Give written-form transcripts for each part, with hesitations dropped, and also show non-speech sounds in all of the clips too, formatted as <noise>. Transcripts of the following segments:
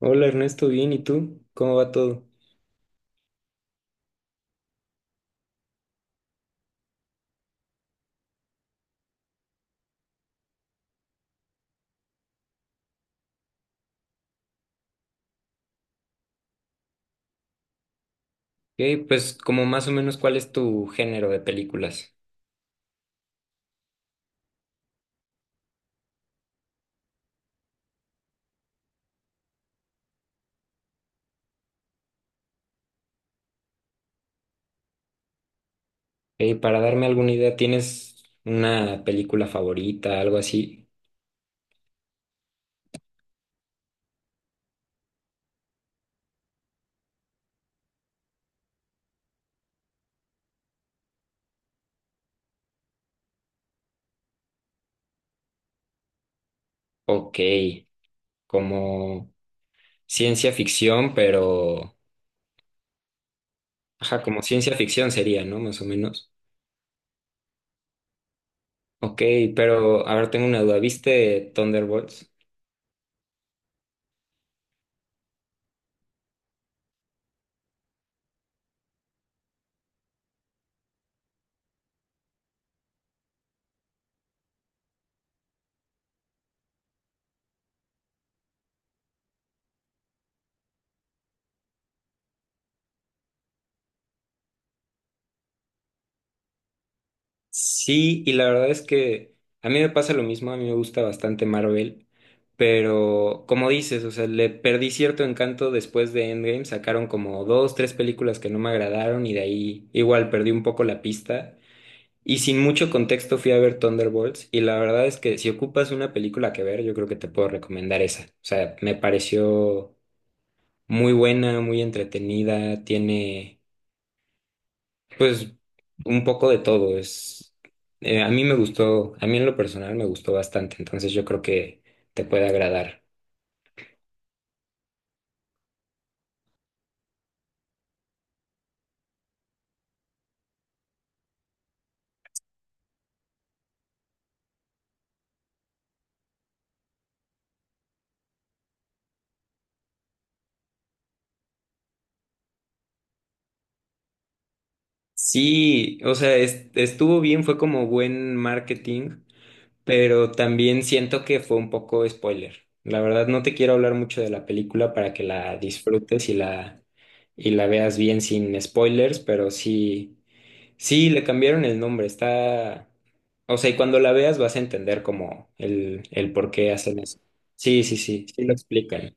Hola Ernesto, bien, ¿y tú? ¿Cómo va todo? Ok, pues como más o menos cuál es tu género de películas. Para darme alguna idea, ¿tienes una película favorita, algo así? Ok, como ciencia ficción, pero... Ajá, como ciencia ficción sería, ¿no? Más o menos. Ok, pero a ver, tengo una duda. ¿Viste Thunderbolts? Sí, y la verdad es que a mí me pasa lo mismo, a mí me gusta bastante Marvel, pero como dices, o sea, le perdí cierto encanto después de Endgame, sacaron como dos, tres películas que no me agradaron y de ahí igual perdí un poco la pista. Y sin mucho contexto fui a ver Thunderbolts y la verdad es que si ocupas una película que ver, yo creo que te puedo recomendar esa. O sea, me pareció muy buena, muy entretenida, tiene... Pues un poco de todo es a mí me gustó, a mí en lo personal me gustó bastante, entonces yo creo que te puede agradar. Sí, o sea, estuvo bien, fue como buen marketing, pero también siento que fue un poco spoiler. La verdad no te quiero hablar mucho de la película para que la disfrutes y la veas bien sin spoilers, pero sí sí, le cambiaron el nombre, está... O sea, y cuando la veas vas a entender como el por qué hacen eso. Sí, sí, sí, sí lo explican.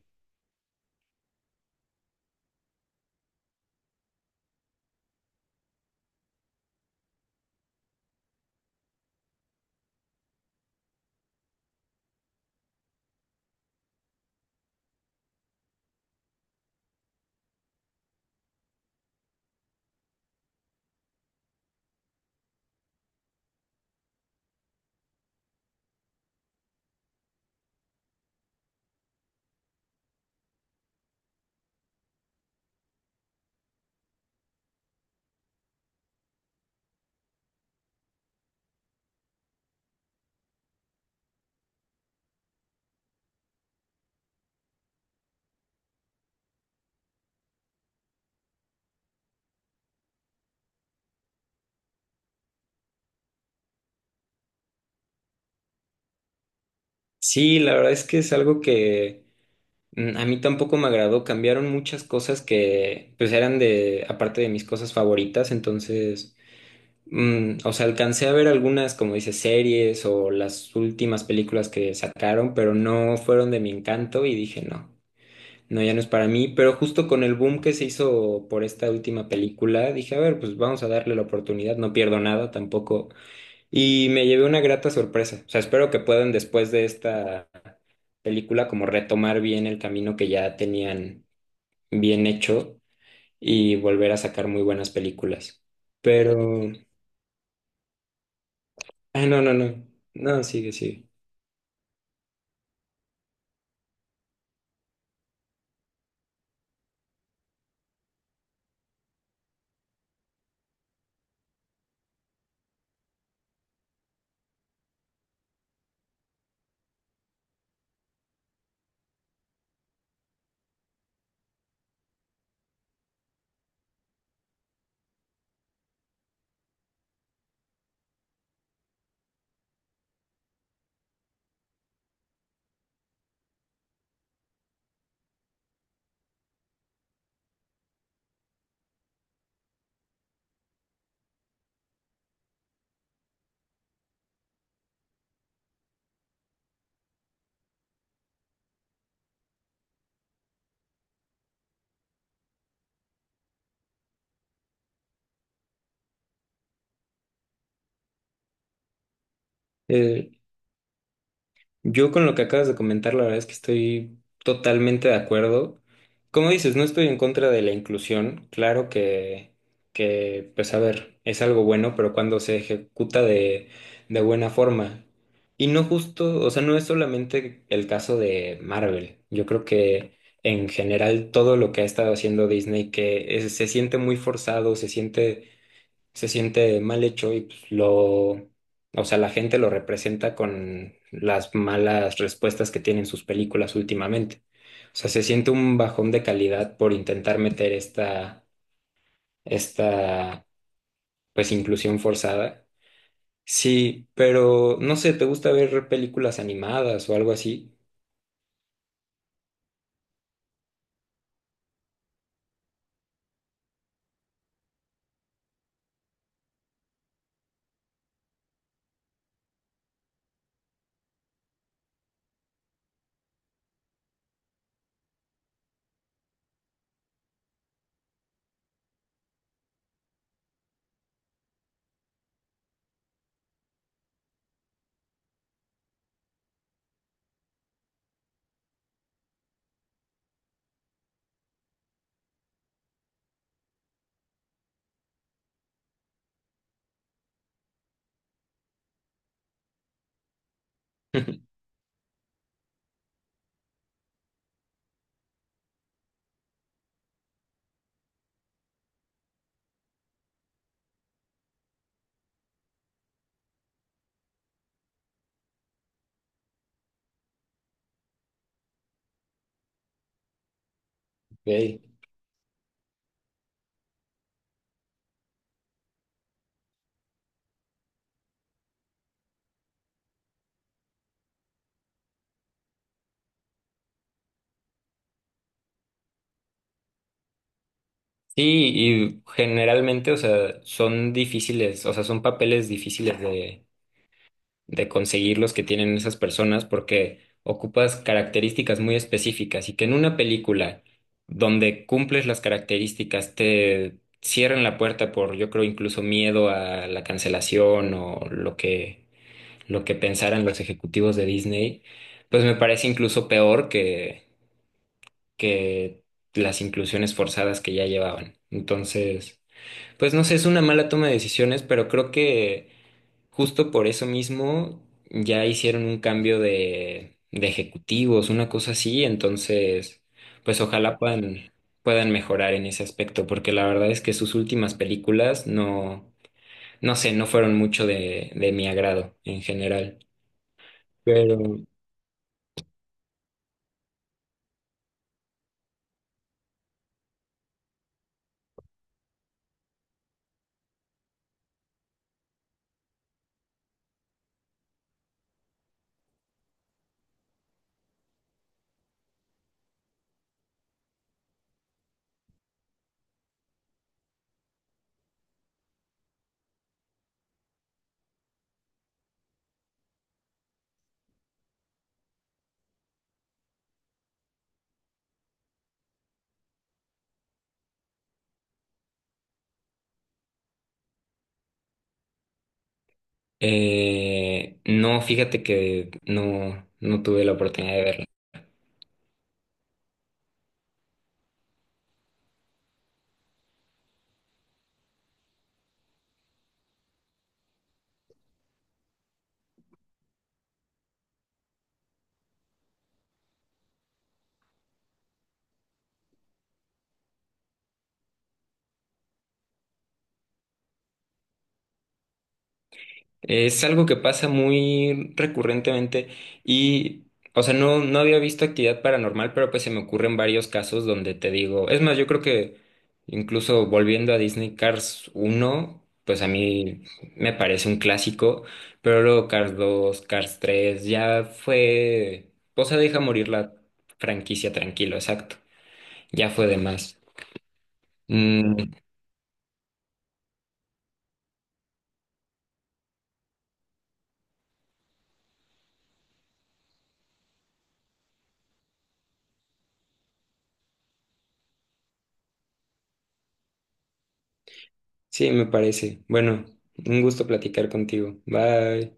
Sí, la verdad es que es algo que a mí tampoco me agradó. Cambiaron muchas cosas que pues eran de, aparte de mis cosas favoritas, entonces, o sea, alcancé a ver algunas, como dices, series o las últimas películas que sacaron, pero no fueron de mi encanto y dije no. No, ya no es para mí, pero justo con el boom que se hizo por esta última película, dije, a ver, pues vamos a darle la oportunidad, no pierdo nada tampoco. Y me llevé una grata sorpresa. O sea, espero que puedan después de esta película como retomar bien el camino que ya tenían bien hecho y volver a sacar muy buenas películas. Pero... Ah, no, no, no. No, sigue, sigue. Eh, Yo con lo que acabas de comentar, la verdad es que estoy totalmente de acuerdo. Como dices, no estoy en contra de la inclusión. Claro que pues a ver, es algo bueno, pero cuando se ejecuta de buena forma. Y no justo, o sea, no es solamente el caso de Marvel. Yo creo que en general todo lo que ha estado haciendo Disney, que se siente muy forzado, se siente mal hecho y pues, lo, o sea, la gente lo representa con las malas respuestas que tienen sus películas últimamente. O sea, se siente un bajón de calidad por intentar meter esta pues, inclusión forzada. Sí, pero no sé, ¿te gusta ver películas animadas o algo así? <laughs> Ok. Sí, y generalmente, o sea, son difíciles, o sea, son papeles difíciles de conseguir los que tienen esas personas porque ocupas características muy específicas y que en una película donde cumples las características te cierran la puerta por, yo creo, incluso miedo a la cancelación o lo que pensaran los ejecutivos de Disney, pues me parece incluso peor que las inclusiones forzadas que ya llevaban. Entonces, pues no sé, es una mala toma de decisiones, pero creo que justo por eso mismo ya hicieron un cambio de ejecutivos, una cosa así, entonces, pues ojalá puedan mejorar en ese aspecto, porque la verdad es que sus últimas películas no, no sé, no fueron mucho de mi agrado en general. Pero no, fíjate que no, no tuve la oportunidad de verla. Es algo que pasa muy recurrentemente y, o sea, no, no había visto actividad paranormal, pero pues se me ocurren varios casos donde te digo, es más, yo creo que incluso volviendo a Disney Cars uno pues a mí me parece un clásico, pero luego Cars 2 Cars 3 ya fue, o sea, deja morir la franquicia tranquilo, exacto, ya fue de más. Mm, sí, me parece. Bueno, un gusto platicar contigo. Bye.